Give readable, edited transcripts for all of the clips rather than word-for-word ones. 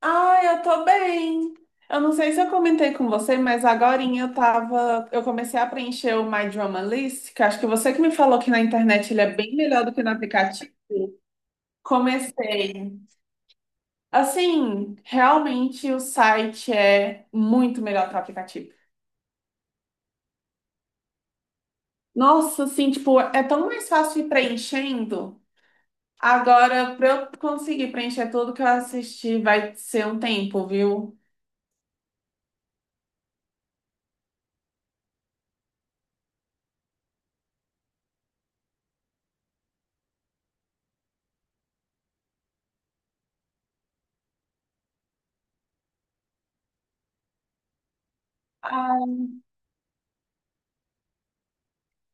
Ai, eu tô bem. Eu não sei se eu comentei com você, mas agorinha eu comecei a preencher o My Drama List, que acho que você que me falou que na internet ele é bem melhor do que no aplicativo. Comecei. Assim, realmente o site é muito melhor que o aplicativo. Nossa, assim, tipo, é tão mais fácil ir preenchendo. Agora, pra eu conseguir preencher tudo que eu assisti, vai ser um tempo, viu?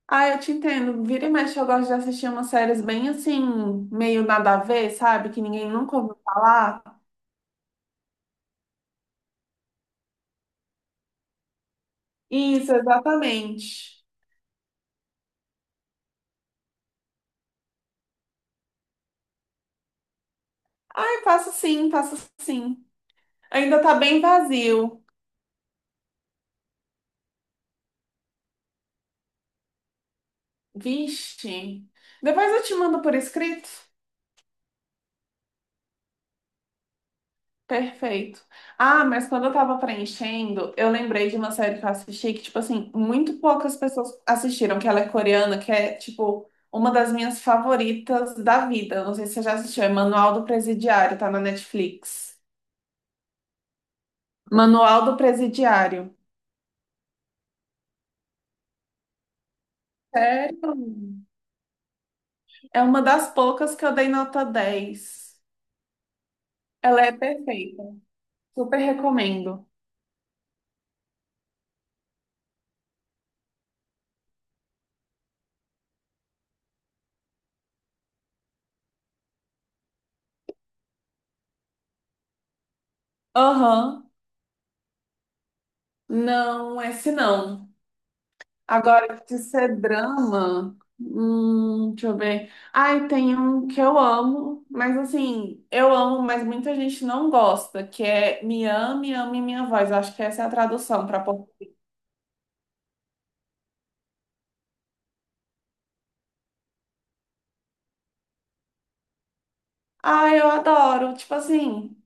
Ah, eu te entendo. Vira e mexe, eu gosto de assistir umas séries bem assim, meio nada a ver, sabe? Que ninguém nunca ouviu falar. Isso, exatamente. Ai, faço sim, faço sim. Ainda tá bem vazio. Vixe. Depois eu te mando por escrito. Perfeito. Ah, mas quando eu tava preenchendo, eu lembrei de uma série que eu assisti que, tipo assim, muito poucas pessoas assistiram, que ela é coreana, que é, tipo, uma das minhas favoritas da vida. Não sei se você já assistiu, é Manual do Presidiário, tá na Netflix. Manual do Presidiário. Sério? É uma das poucas que eu dei nota 10. Ela é perfeita. Super recomendo. Aham. Não, esse não. Agora, de ser drama, deixa eu ver. Ai, tem um que eu amo, mas assim, eu amo, mas muita gente não gosta, que é Me Ame, Ame Minha Voz. Eu acho que essa é a tradução para português. Ai, eu adoro. Tipo assim,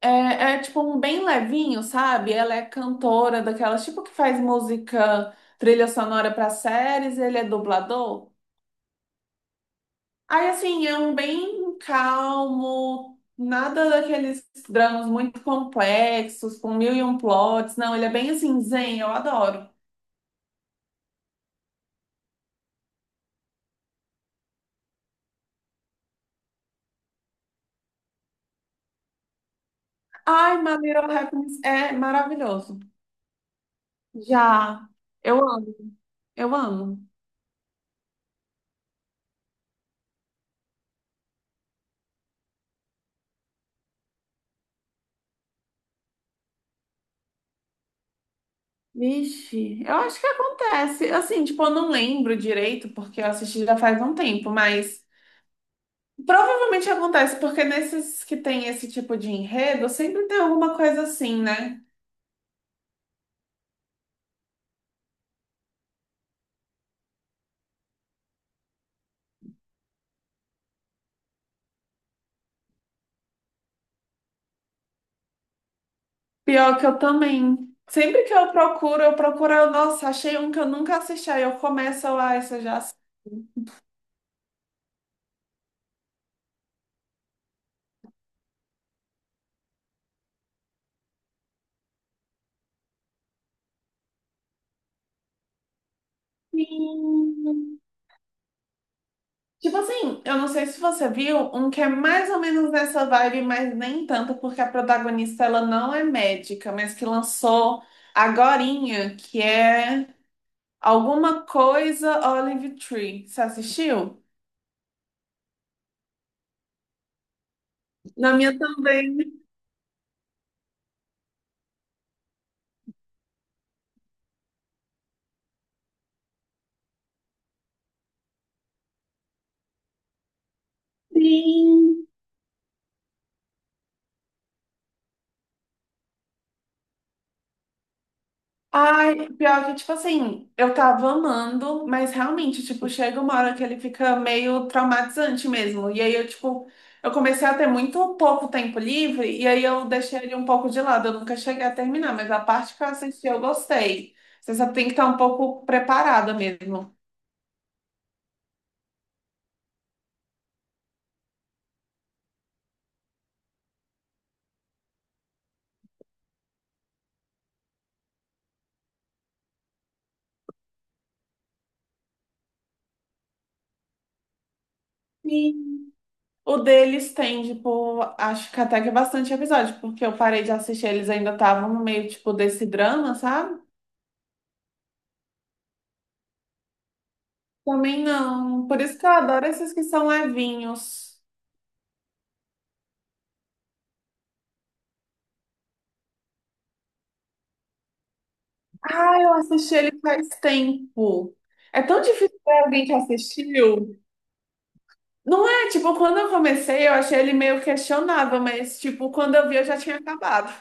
é tipo um bem levinho, sabe? Ela é cantora daquelas, tipo que faz música, trilha sonora para séries, ele é dublador. Aí, assim, é um bem calmo, nada daqueles dramas muito complexos, com mil e um plots. Não, ele é bem assim, zen, eu adoro. Ai, My Little Happiness é maravilhoso. Já, eu amo, eu amo. Vixe, eu acho que acontece. Assim, tipo, eu não lembro direito, porque eu assisti já faz um tempo, mas provavelmente acontece, porque nesses que tem esse tipo de enredo, sempre tem alguma coisa assim, né? Pior que eu também. Sempre que eu procuro, nossa, achei um que eu nunca assisti, aí eu começo lá, isso eu já assisti. Sim. Tipo assim, eu não sei se você viu um que é mais ou menos nessa vibe, mas nem tanto, porque a protagonista ela não é médica, mas que lançou agorinha, que é Alguma Coisa Olive Tree. Você assistiu? Na minha também. Sim. Ai, pior que, tipo assim, eu tava amando, mas realmente, tipo, chega uma hora que ele fica meio traumatizante mesmo. E aí eu, tipo, eu comecei a ter muito pouco tempo livre, e aí eu deixei ele um pouco de lado. Eu nunca cheguei a terminar, mas a parte que eu assisti eu gostei. Você só tem que estar um pouco preparada mesmo. Sim. O deles tem, tipo, acho que até que é bastante episódio, porque eu parei de assistir, eles ainda estavam no meio, tipo, desse drama, sabe? Também não. Por isso que eu adoro esses que são levinhos. Ah, eu assisti ele faz tempo. É tão difícil ver alguém que assistiu. Não é, tipo, quando eu comecei, eu achei ele meio questionável, mas, tipo, quando eu vi, eu já tinha acabado.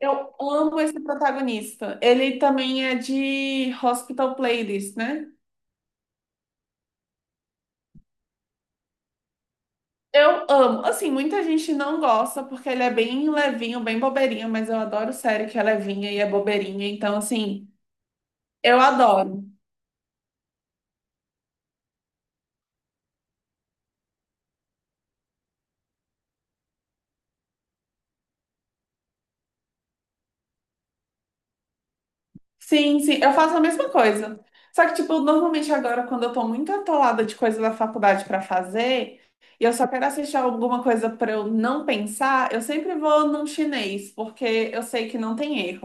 Eu amo esse protagonista. Ele também é de Hospital Playlist, né? Eu amo. Assim, muita gente não gosta porque ele é bem levinho, bem bobeirinho, mas eu adoro série que é levinha e é bobeirinha. Então, assim, eu adoro. Sim, sim, eu faço a mesma coisa. Só que, tipo, normalmente agora, quando eu tô muito atolada de coisa da faculdade pra fazer, e eu só quero assistir alguma coisa pra eu não pensar, eu sempre vou num chinês, porque eu sei que não tem erro.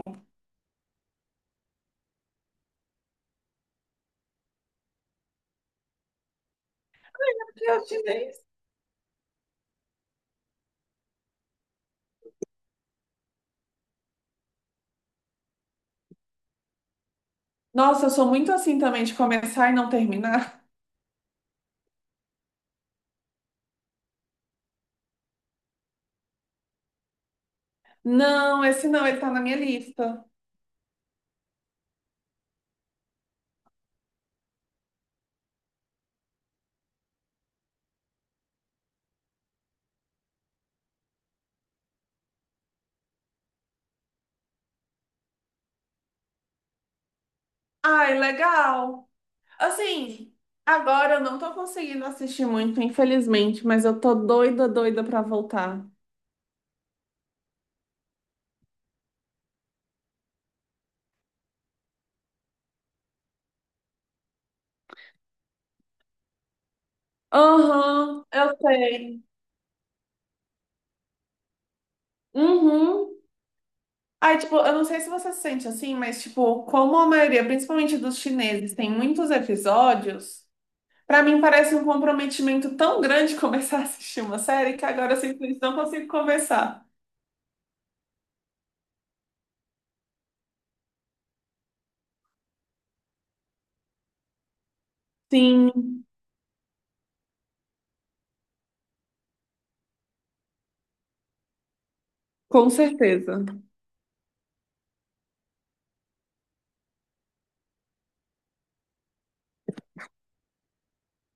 Que é o chinês. Nossa, eu sou muito assim também de começar e não terminar. Não, esse não, ele tá na minha lista. Ai, legal. Assim, agora eu não tô conseguindo assistir muito, infelizmente, mas eu tô doida, doida pra voltar. Aham, eu sei. Uhum. Ai, tipo, eu não sei se você se sente assim, mas, tipo, como a maioria, principalmente dos chineses, tem muitos episódios, pra mim parece um comprometimento tão grande começar a assistir uma série que agora eu simplesmente não consigo começar. Sim, com certeza.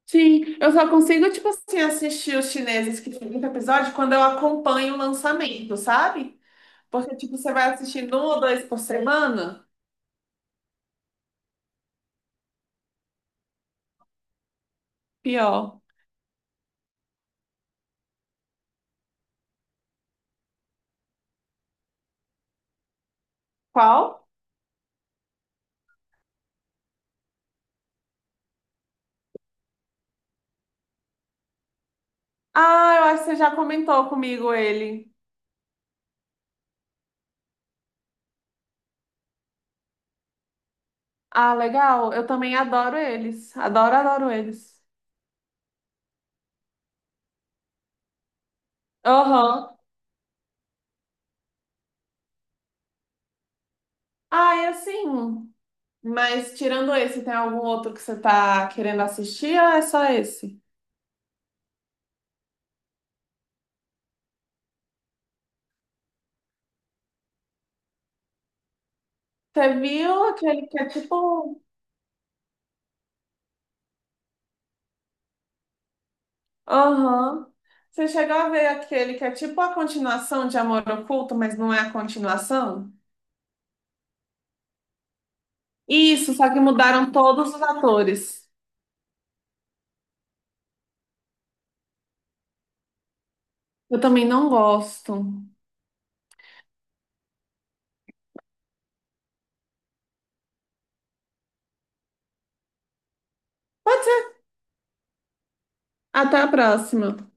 Sim, eu só consigo, tipo assim, assistir os chineses que tem muito episódio quando eu acompanho o lançamento, sabe? Porque, tipo, você vai assistindo um ou dois por semana. Pior. Qual? Ah, eu acho que você já comentou comigo ele. Ah, legal. Eu também adoro eles. Adoro, adoro eles. Aham. Ah, e assim. Mas tirando esse, tem algum outro que você tá querendo assistir ou é só esse? Você viu aquele que é tipo. Aham. Você chegou a ver aquele que é tipo a continuação de Amor Oculto, mas não é a continuação? Isso, só que mudaram todos os atores. Eu também não gosto. Pode ser. Até a próxima.